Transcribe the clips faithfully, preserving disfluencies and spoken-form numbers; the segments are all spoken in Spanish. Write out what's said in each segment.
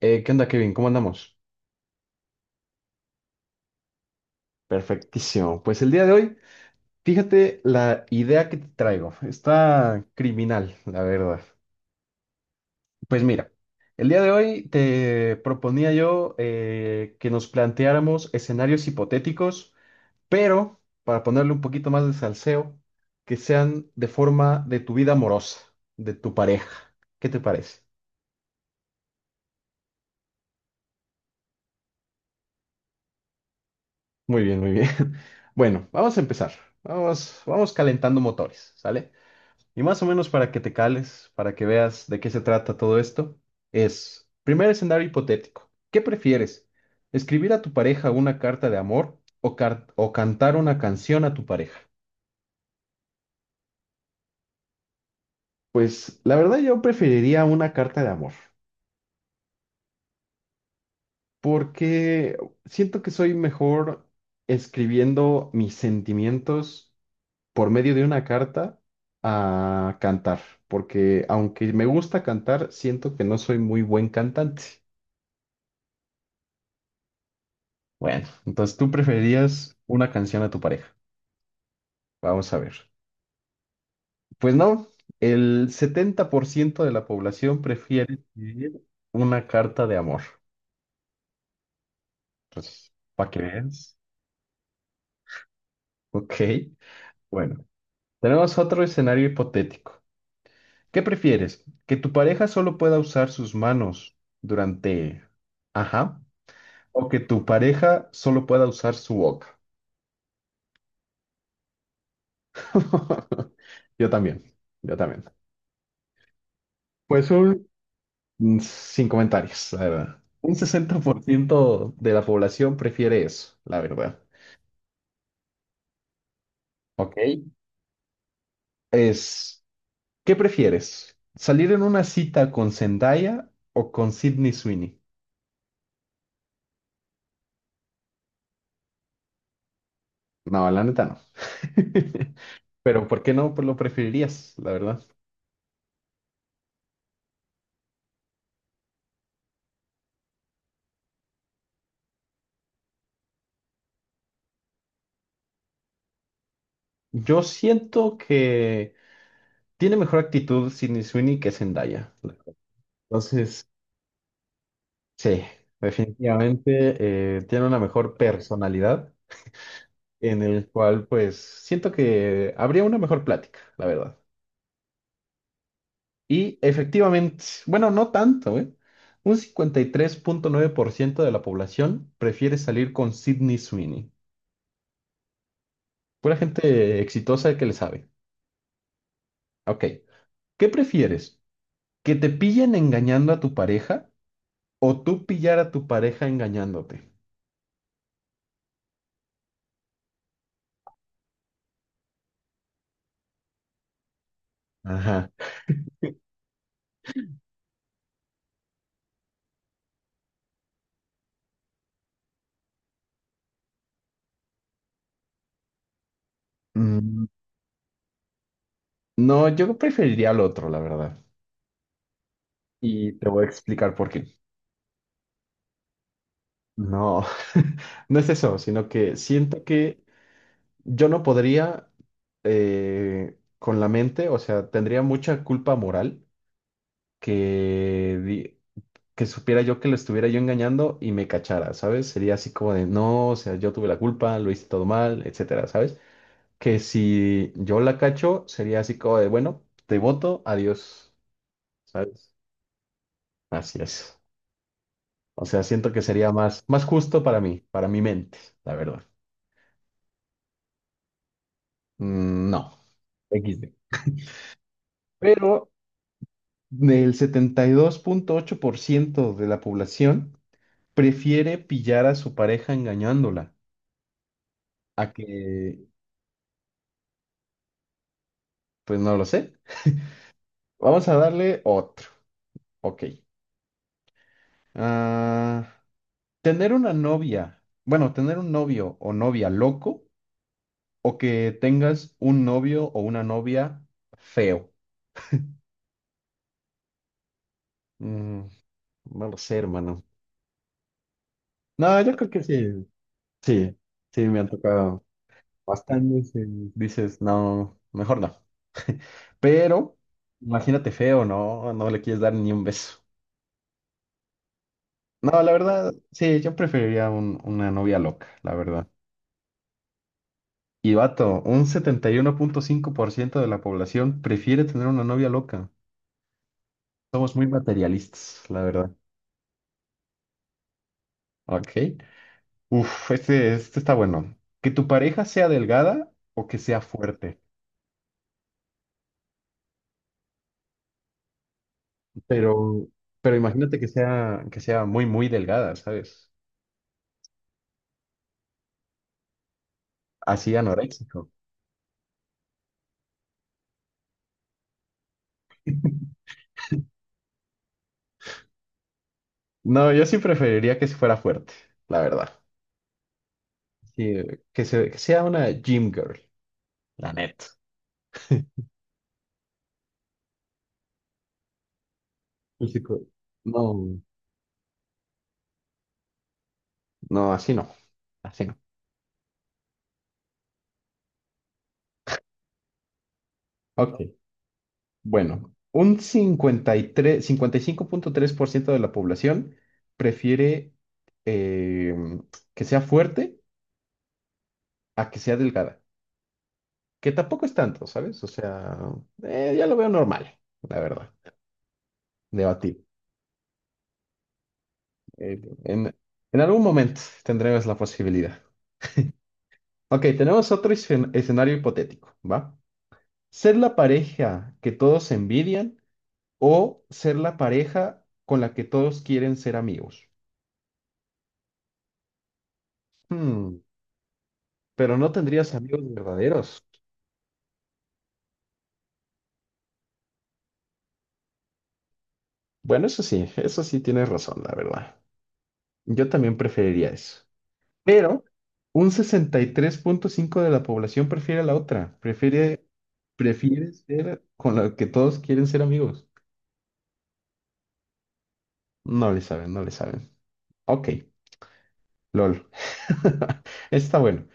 Eh, ¿qué onda, Kevin? ¿Cómo andamos? Perfectísimo. Pues el día de hoy, fíjate la idea que te traigo. Está criminal, la verdad. Pues mira, el día de hoy te proponía yo eh, que nos planteáramos escenarios hipotéticos, pero para ponerle un poquito más de salseo, que sean de forma de tu vida amorosa, de tu pareja. ¿Qué te parece? Muy bien, muy bien. Bueno, vamos a empezar. Vamos, vamos calentando motores, ¿sale? Y más o menos para que te cales, para que veas de qué se trata todo esto, es, primer escenario hipotético, ¿qué prefieres? ¿Escribir a tu pareja una carta de amor o, car- o cantar una canción a tu pareja? Pues la verdad yo preferiría una carta de amor, porque siento que soy mejor escribiendo mis sentimientos por medio de una carta a cantar, porque aunque me gusta cantar, siento que no soy muy buen cantante. Bueno, entonces tú preferías una canción a tu pareja. Vamos a ver. Pues no, el setenta por ciento de la población prefiere escribir una carta de amor. Entonces, para que veas. Ok, bueno, tenemos otro escenario hipotético. ¿Qué prefieres? ¿Que tu pareja solo pueda usar sus manos durante. Ajá. ¿O que tu pareja solo pueda usar su boca? Yo también, yo también. Pues un Mm, Sin comentarios, la verdad. Un sesenta por ciento de la población prefiere eso, la verdad. Ok. Es, ¿Qué prefieres? ¿Salir en una cita con Zendaya o con Sydney Sweeney? No, la neta no. Pero ¿por qué no? Pues lo preferirías, la verdad. Yo siento que tiene mejor actitud Sydney Sweeney que Zendaya. Entonces, sí, definitivamente eh, tiene una mejor personalidad. En el cual pues siento que habría una mejor plática, la verdad. Y efectivamente, bueno, no tanto, ¿eh? Un cincuenta y tres punto nueve por ciento de la población prefiere salir con Sydney Sweeney. Pura gente exitosa que le sabe. Ok, ¿qué prefieres? ¿Que te pillen engañando a tu pareja o tú pillar a tu pareja engañándote? Ajá. Mm, No, yo preferiría al otro, la verdad. Y te voy a explicar por qué. No, no es eso, sino que siento que yo no podría eh, con la mente, o sea, tendría mucha culpa moral que, di- que supiera yo que lo estuviera yo engañando y me cachara, ¿sabes? Sería así como de, no, o sea, yo tuve la culpa, lo hice todo mal, etcétera, ¿sabes? Que si yo la cacho, sería así como de, bueno, te voto, adiós, ¿sabes? Así es. O sea, siento que sería más, más justo para mí, para mi mente, la verdad. Mm. No. equis de. Pero del setenta y dos punto ocho por ciento de la población prefiere pillar a su pareja engañándola a que, pues no lo sé. Vamos a darle otro. Ok. Ah, tener una novia, bueno, tener un novio o novia loco o que tengas un novio o una novia feo. Mm, no lo sé, hermano. No, yo creo que sí. Sí, sí, me ha tocado bastantes eh, dices, no, mejor no. Pero imagínate feo, ¿no? No le quieres dar ni un beso. No, la verdad, sí, yo preferiría un- una novia loca, la verdad. Y vato, un setenta y uno punto cinco por ciento de la población prefiere tener una novia loca. Somos muy materialistas, la verdad. Ok. Uf, este, este está bueno. Que tu pareja sea delgada o que sea fuerte. Pero, pero imagínate que sea, que sea muy, muy delgada, ¿sabes? Así anoréxico. No, yo sí preferiría que se fuera fuerte, la verdad. Sí, que se, que sea una gym girl, la neta. Y sí, co- no, no, así no. Así no. Ok, bueno. Un cincuenta cincuenta y y tres, tres cinco punto tres por ciento de la población prefiere eh, que sea fuerte a que sea delgada. Que tampoco es tanto, ¿sabes? O sea, eh, ya lo veo normal, la verdad. Debatir. Eh, en, en algún momento tendremos la posibilidad. Ok, tenemos otro escen- escenario hipotético, ¿va? Ser la pareja que todos envidian o ser la pareja con la que todos quieren ser amigos. Hmm, pero no tendrías amigos verdaderos. Bueno, eso sí, eso sí tienes razón, la verdad. Yo también preferiría eso. Pero un sesenta y tres punto cinco de la población prefiere la otra. Prefiere, prefiere ser con la que todos quieren ser amigos. No le saben, no le saben. Ok, lol. Está bueno.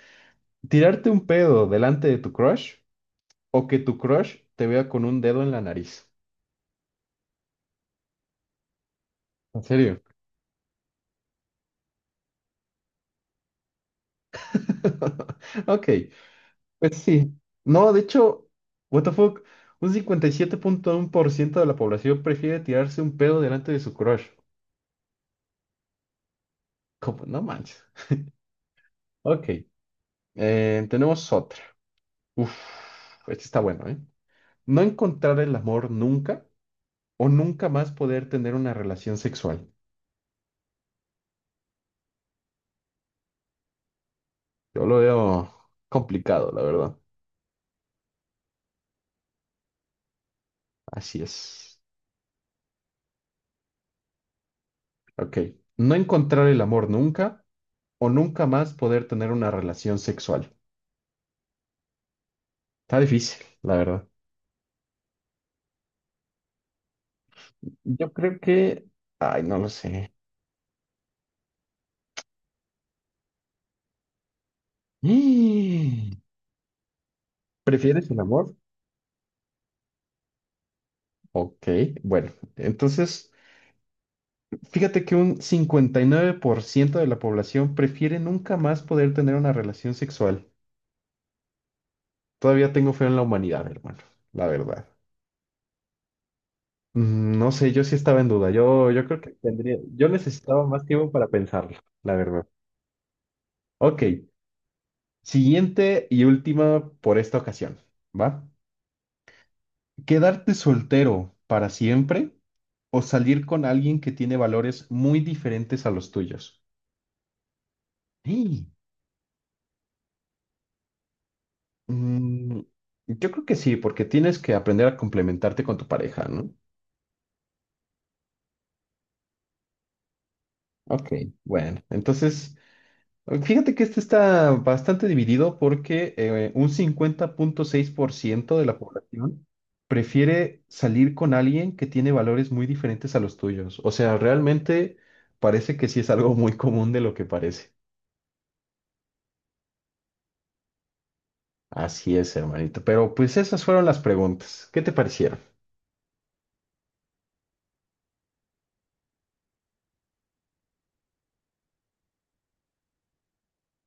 ¿Tirarte un pedo delante de tu crush o que tu crush te vea con un dedo en la nariz? ¿En serio? Ok, pues sí. No, de hecho, what the fuck, un cincuenta y siete punto uno por ciento de la población prefiere tirarse un pedo delante de su crush. Como, no manches. Ok, eh, tenemos otra. Uf, este está bueno, ¿eh? No encontrar el amor nunca o nunca más poder tener una relación sexual. Yo lo veo complicado, la verdad. Así es. Ok. No encontrar el amor nunca o nunca más poder tener una relación sexual. Está difícil, la verdad. Yo creo que. Ay, no lo sé. Mm. ¿Prefieres el amor? Ok, bueno, entonces fíjate que un cincuenta y nueve por ciento de la población prefiere nunca más poder tener una relación sexual. Todavía tengo fe en la humanidad, hermano, la verdad. Mm, No sé, yo sí estaba en duda. Yo, yo creo que tendría, yo necesitaba más tiempo para pensarlo, la verdad. Ok, siguiente y última por esta ocasión, ¿va? ¿Quedarte soltero para siempre o salir con alguien que tiene valores muy diferentes a los tuyos? Sí. Mm, yo creo que sí, porque tienes que aprender a complementarte con tu pareja, ¿no? Ok, bueno, entonces fíjate que este está bastante dividido porque eh, un cincuenta punto seis por ciento de la población prefiere salir con alguien que tiene valores muy diferentes a los tuyos. O sea, realmente parece que sí es algo muy común de lo que parece. Así es, hermanito. Pero pues esas fueron las preguntas. ¿Qué te parecieron?